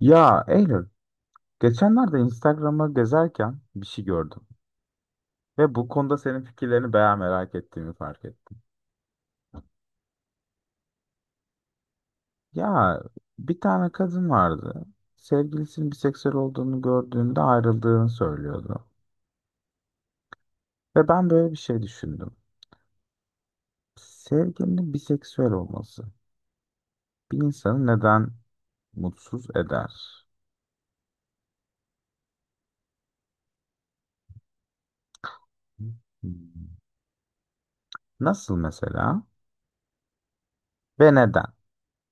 Ya Eylül, geçenlerde Instagram'ı gezerken bir şey gördüm ve bu konuda senin fikirlerini bayağı merak ettiğimi fark ettim. Ya bir tane kadın vardı. Sevgilisinin biseksüel olduğunu gördüğünde ayrıldığını söylüyordu. Ve ben böyle bir şey düşündüm. Sevgilinin biseksüel olması bir insanı neden mutsuz eder? Hmm. Nasıl mesela ve neden?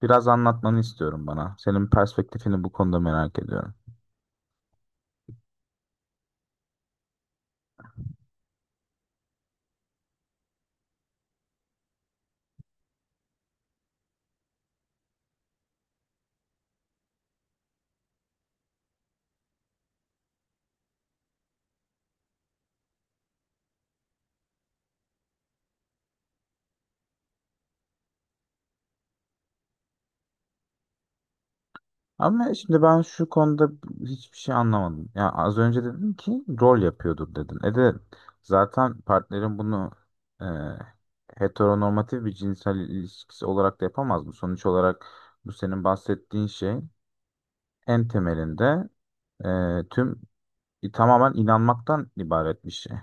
Biraz anlatmanı istiyorum bana. Senin perspektifini bu konuda merak ediyorum. Ama şimdi ben şu konuda hiçbir şey anlamadım. Ya az önce dedin ki rol yapıyordur dedin. E de zaten partnerin bunu e, heteronormatif bir cinsel ilişkisi olarak da yapamaz mı? Sonuç olarak bu senin bahsettiğin şey en temelinde e, tüm tamamen inanmaktan ibaret bir şey.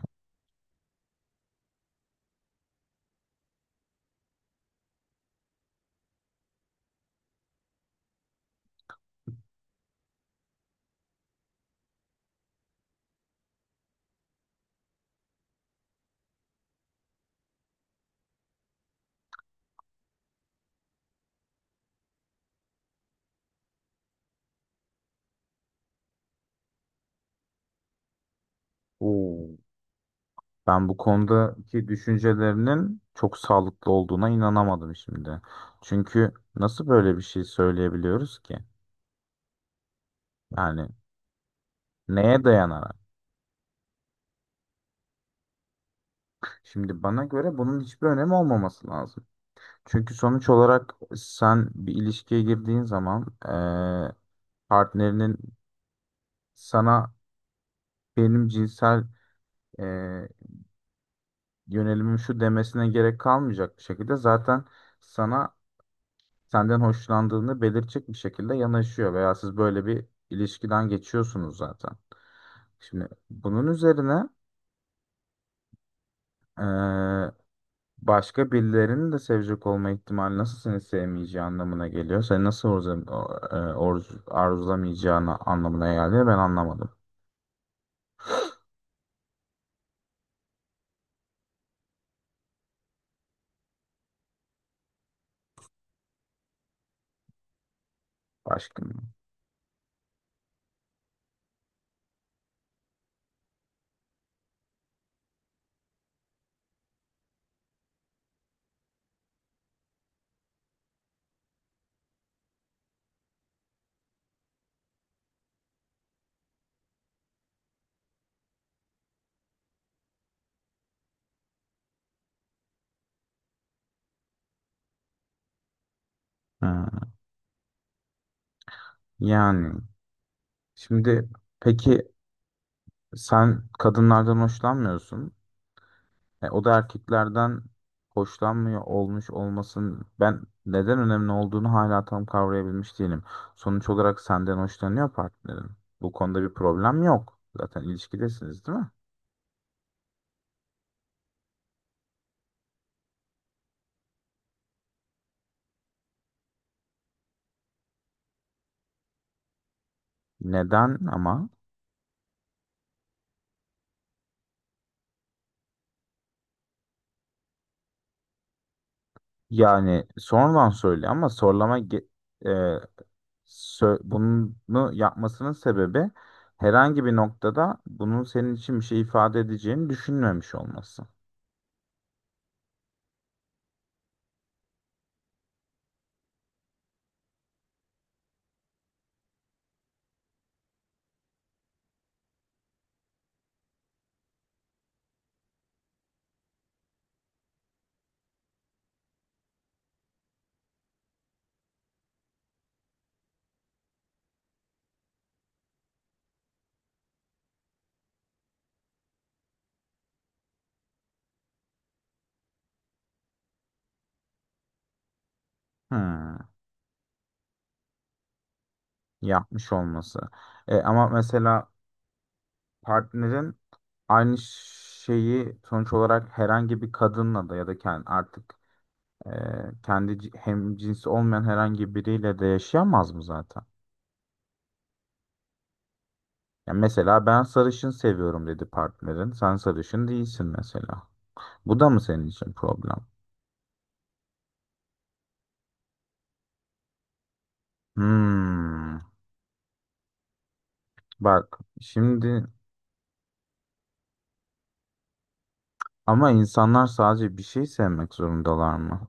Oo. Ben bu konudaki düşüncelerinin çok sağlıklı olduğuna inanamadım şimdi. Çünkü nasıl böyle bir şey söyleyebiliyoruz ki? Yani neye dayanarak? Şimdi bana göre bunun hiçbir önemi olmaması lazım. Çünkü sonuç olarak sen bir ilişkiye girdiğin zaman partnerinin sana benim cinsel eee, yönelimim şu demesine gerek kalmayacak bir şekilde zaten sana senden hoşlandığını belirtecek bir şekilde yanaşıyor veya siz böyle bir ilişkiden geçiyorsunuz zaten. Şimdi bunun üzerine eee, başka birilerinin de sevecek olma ihtimali nasıl seni sevmeyeceği anlamına geliyor. Seni nasıl arzulamayacağını anlamına geldi. Ben anlamadım. Başka mı? Ha, yani şimdi peki sen kadınlardan hoşlanmıyorsun. E, o da erkeklerden hoşlanmıyor olmuş olmasın ben neden önemli olduğunu hala tam kavrayabilmiş değilim. Sonuç olarak senden hoşlanıyor partnerin. Bu konuda bir problem yok. Zaten ilişkidesiniz değil mi? Neden ama? Yani sonradan söyle ama sorlama ge- e, sö- bunu yapmasının sebebi herhangi bir noktada bunun senin için bir şey ifade edeceğini düşünmemiş olması. Hmm, yapmış olması. E, ama mesela partnerin aynı şeyi sonuç olarak herhangi bir kadınla da ya da kendi artık e, kendi hem cinsi olmayan herhangi biriyle de yaşayamaz mı zaten? Ya mesela ben sarışın seviyorum dedi partnerin. Sen sarışın değilsin mesela. Bu da mı senin için problem? Hmm, bak şimdi, ama insanlar sadece bir şey sevmek zorundalar mı?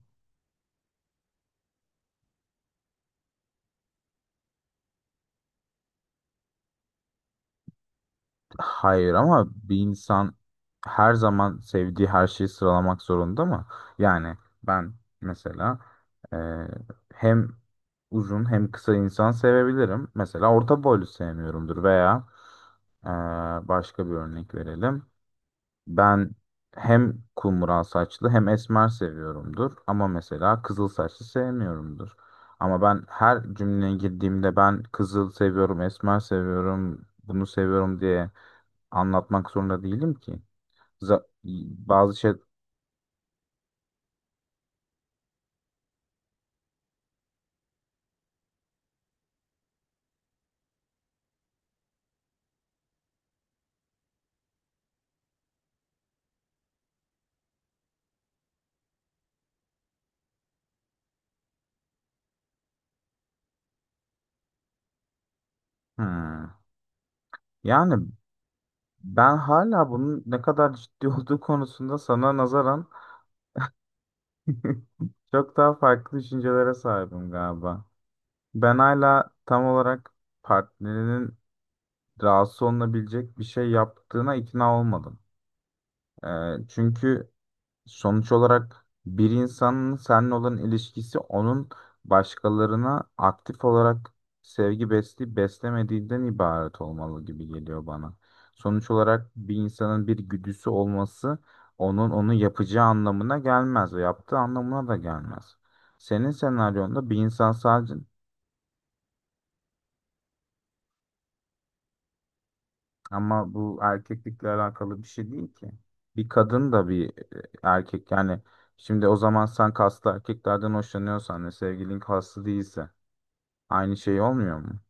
Hayır ama bir insan her zaman sevdiği her şeyi sıralamak zorunda mı? Yani ben mesela e, hem uzun hem kısa insan sevebilirim. Mesela orta boylu sevmiyorumdur veya e, başka bir örnek verelim. Ben hem kumral saçlı hem esmer seviyorumdur ama mesela kızıl saçlı sevmiyorumdur. Ama ben her cümleye girdiğimde ben kızıl seviyorum, esmer seviyorum, bunu seviyorum diye anlatmak zorunda değilim ki. Za- Bazı şey... Hmm. Yani ben hala bunun ne kadar ciddi olduğu konusunda sana nazaran çok daha farklı düşüncelere sahibim galiba. Ben hala tam olarak partnerinin rahatsız olunabilecek bir şey yaptığına ikna olmadım. Ee, Çünkü sonuç olarak bir insanın seninle olan ilişkisi onun başkalarına aktif olarak sevgi besleyip beslemediğinden ibaret olmalı gibi geliyor bana. Sonuç olarak bir insanın bir güdüsü olması onun onu yapacağı anlamına gelmez ve yaptığı anlamına da gelmez. Senin senaryonda bir insan sadece ama bu erkeklikle alakalı bir şey değil ki. Bir kadın da bir erkek, yani şimdi o zaman sen kaslı erkeklerden hoşlanıyorsan ve sevgilin kaslı değilse aynı şey olmuyor mu?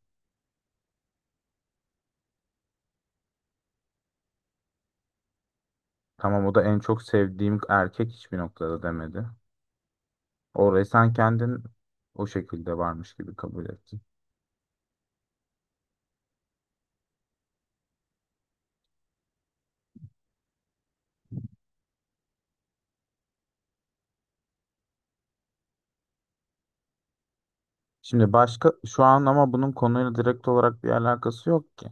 Tamam, o da en çok sevdiğim erkek hiçbir noktada demedi. Orayı sen kendin o şekilde varmış gibi kabul ettin. Şimdi başka şu an, ama bunun konuyla direkt olarak bir alakası yok ki.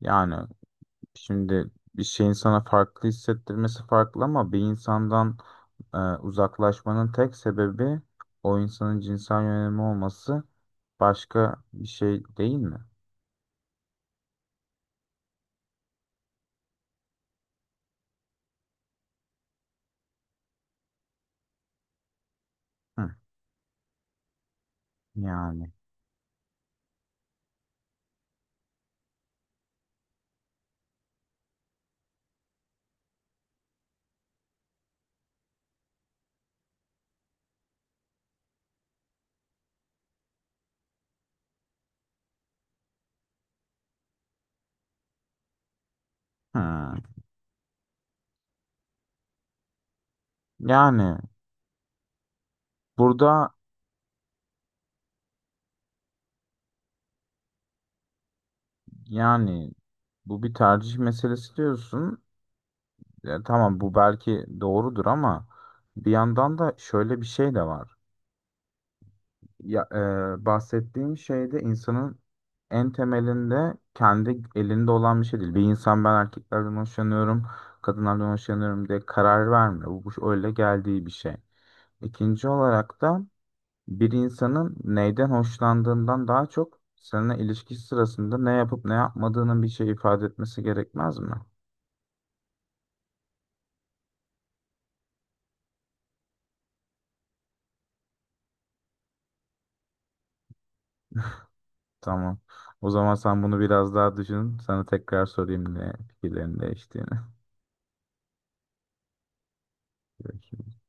Yani şimdi bir şeyin sana farklı hissettirmesi farklı ama bir insandan uzaklaşmanın tek sebebi o insanın cinsel yönelimi olması başka bir şey değil mi? Hı, yani. Hı. Yani burada, yani bu bir tercih meselesi diyorsun. Ya, tamam bu belki doğrudur ama bir yandan da şöyle bir şey de var. Ya, Bahsettiğin şeyde insanın en temelinde kendi elinde olan bir şey değil. Bir insan ben erkeklerden hoşlanıyorum, kadınlardan hoşlanıyorum diye karar vermiyor. Bu öyle geldiği bir şey. İkinci olarak da bir insanın neyden hoşlandığından daha çok seninle ilişki sırasında ne yapıp ne yapmadığının bir şey ifade etmesi gerekmez mi? Tamam. O zaman sen bunu biraz daha düşün. Sana tekrar sorayım ne fikirlerin değiştiğini.